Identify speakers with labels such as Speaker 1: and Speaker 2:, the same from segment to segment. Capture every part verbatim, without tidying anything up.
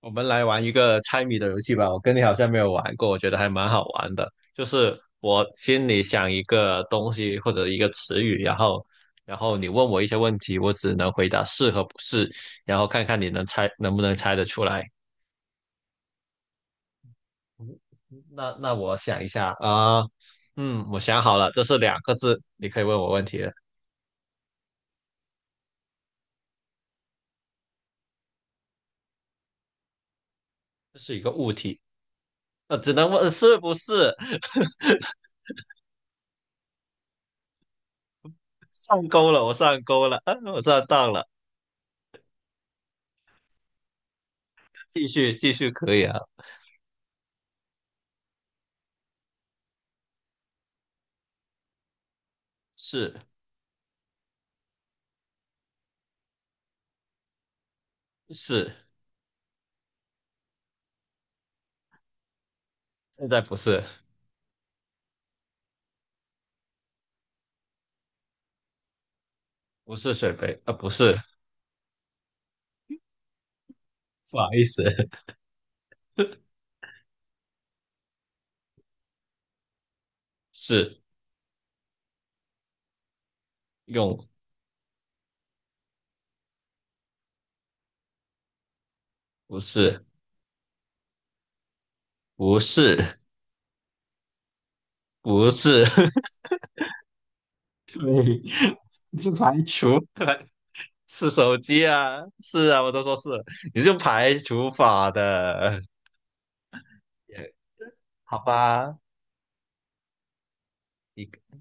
Speaker 1: 我们来玩一个猜谜的游戏吧，我跟你好像没有玩过，我觉得还蛮好玩的。就是我心里想一个东西或者一个词语，然后然后你问我一些问题，我只能回答是和不是，然后看看你能猜能不能猜得出来。那那我想一下啊，嗯，我想好了，这是两个字，你可以问我问题了。这是一个物体，呃，只能问呃是不是。上钩了，我上钩了，啊，我上当了。继续继续可以啊，是是。现在不是，不是水杯，啊，不是，不好意思，是用，不是，不是，不是，是排除，是手机啊，是啊，我都说是，你是用排除法的，也好吧？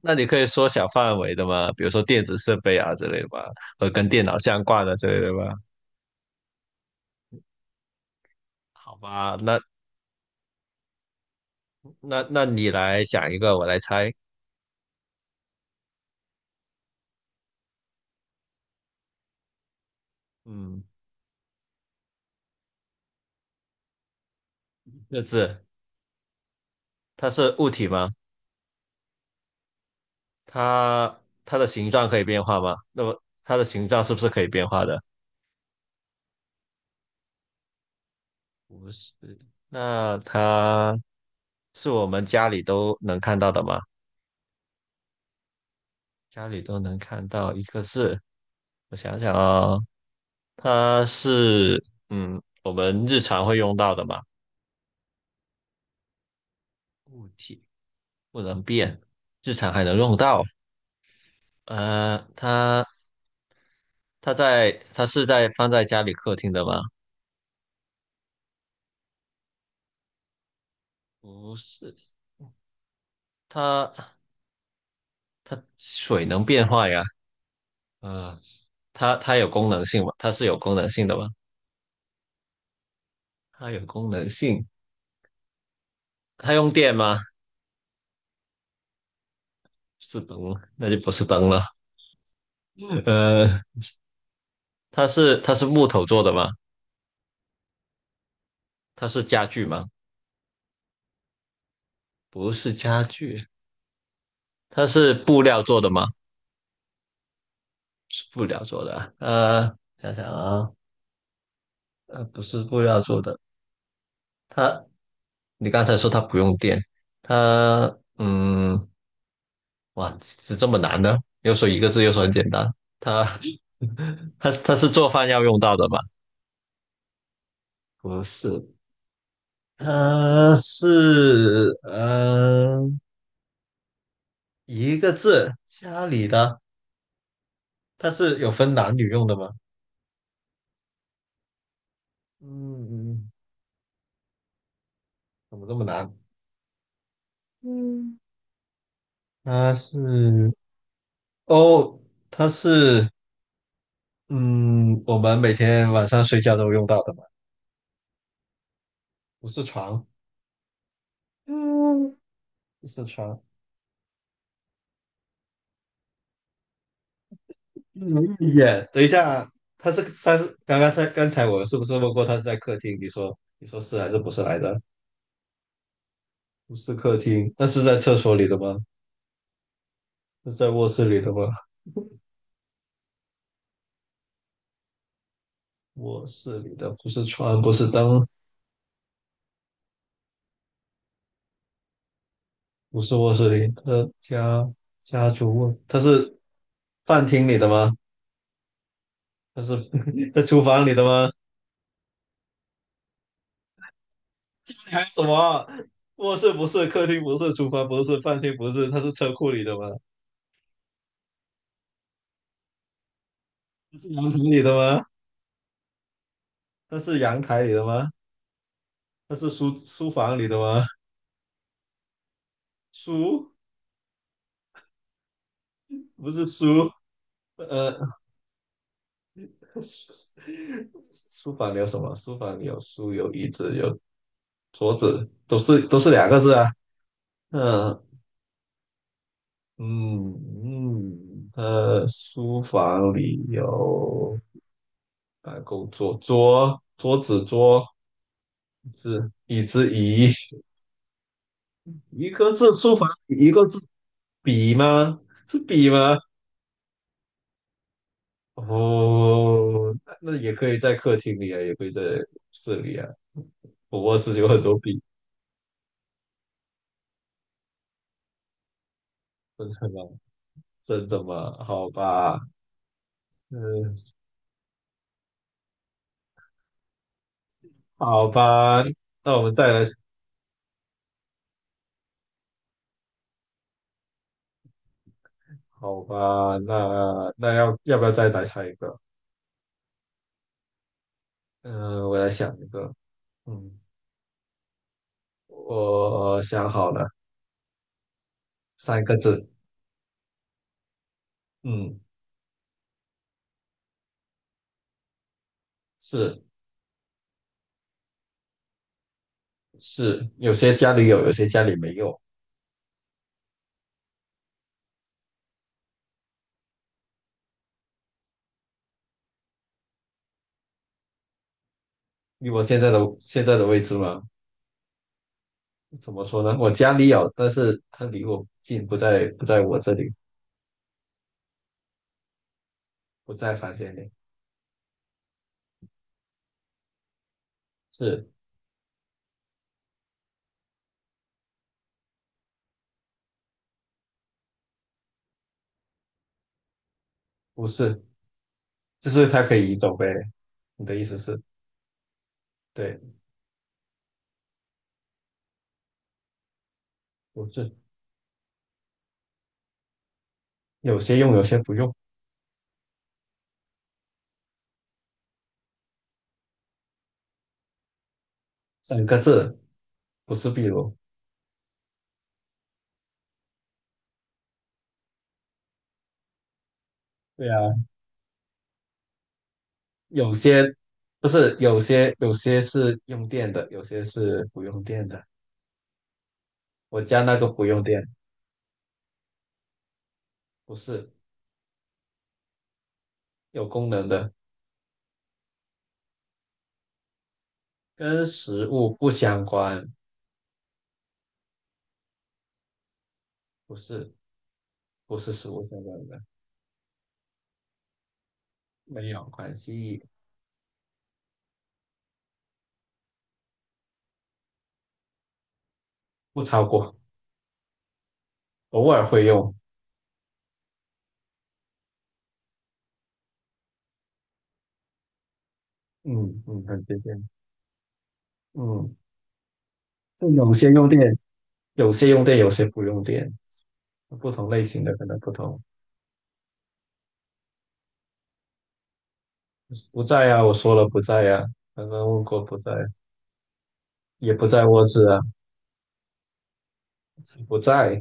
Speaker 1: 那你可以缩小范围的嘛，比如说电子设备啊之类的吧，和跟电脑相关的之类的吧。好吧，那那那你来想一个，我来猜。嗯，这字它是物体吗？它它的形状可以变化吗？那么它的形状是不是可以变化的？不是。那它是我们家里都能看到的吗？家里都能看到一个字，我想想啊、它是嗯，我们日常会用到的嘛，物体不能变，日常还能用到。呃，它它在它是在放在家里客厅的吗？不是，它它水能变化呀。啊、它它有功能性吗？它是有功能性的吗？它有功能性，它用电吗？是灯吗，那就不是灯了。呃，它是它是木头做的吗？它是家具吗？不是家具，它是布料做的吗？是布料做的啊。呃，想想啊，呃，不是布料做的。它，你刚才说它不用电，它，嗯，哇，是这么难呢？又说一个字，又说很简单。它，它它是做饭要用到的吗？不是，呃，是呃一个字，家里的，它是有分男女用的吗？嗯，怎么这么难？嗯，它是哦，它是嗯，我们每天晚上睡觉都用到的嘛，不是床，嗯，不是床。嗯，也，等一下，它是它是刚刚在刚才我是不是问过它是在客厅？你说你说是还是不是来着？不是客厅，那是在厕所里的吗？是在卧室里的吗？卧室里的不是床，不是灯，不是卧室里的家家族卧，它是饭厅里的吗？它是 在厨房里的吗？你还有什么？卧室不是，客厅不是，厨房不是，饭厅不是，它是车库里的吗？它是阳台里的吗？它是阳台里的吗？它是书书房里的吗？书不是书，呃，书书房里有什么？书房里有书，有椅子，有桌子都是都是两个字啊。嗯嗯嗯，呃，书房里有办公桌、桌、桌子、桌椅子、椅子、椅，一个字，书房一个字，笔吗？是笔吗？哦，那那也可以在客厅里啊，也可以在室里啊。我卧室有很多笔，真的吗？真的吗？好吧，嗯，好吧，那我们再来。好吧，那那要要不要再来猜一个？嗯、我来想一个。嗯，我想好了，三个字。嗯，是是，有些家里有，有些家里没有。以我现在的现在的位置嘛，怎么说呢？我家里有，但是它离我近，不在不在我这里，不在房间里。是不是？就是它可以移走呗。你的意思是？对，不是。有些用，有些不用。三个字，不是壁炉。对呀。有些不是有些有些是用电的，有些是不用电的。我家那个不用电，不是有功能的，跟食物不相关，不是不是食物相关的，没有关系，不超过，偶尔会用。嗯嗯，很接近。嗯，就有些用电，有些用电，有些不用电，不同类型的可能不同。不在啊，我说了不在啊，刚刚问过不在，也不在卧室啊，不在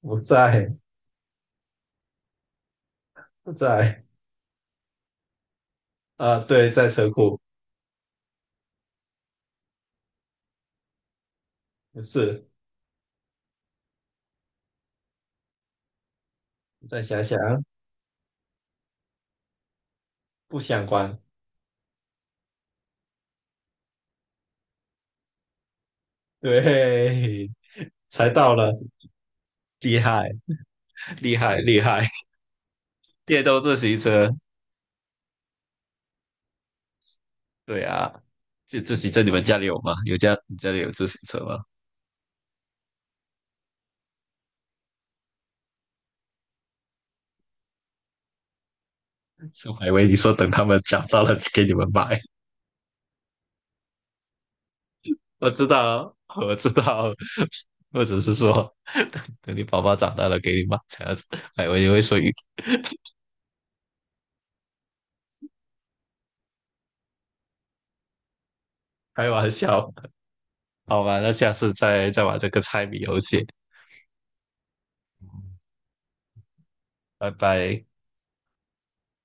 Speaker 1: 不在。在啊、对，在车库是，再想想不相关，对，才到了，厉害，厉害，厉害，电动自行车，对啊，就自行车你们家里有吗？有家你家里有自行车吗？是我还以为你说等他们找到了给你们买，我知道，我知道，我只是说等等你宝宝长大了给你买这样子，还以为你会说开玩笑，好吧，那下次再再玩这个猜谜游戏。拜拜。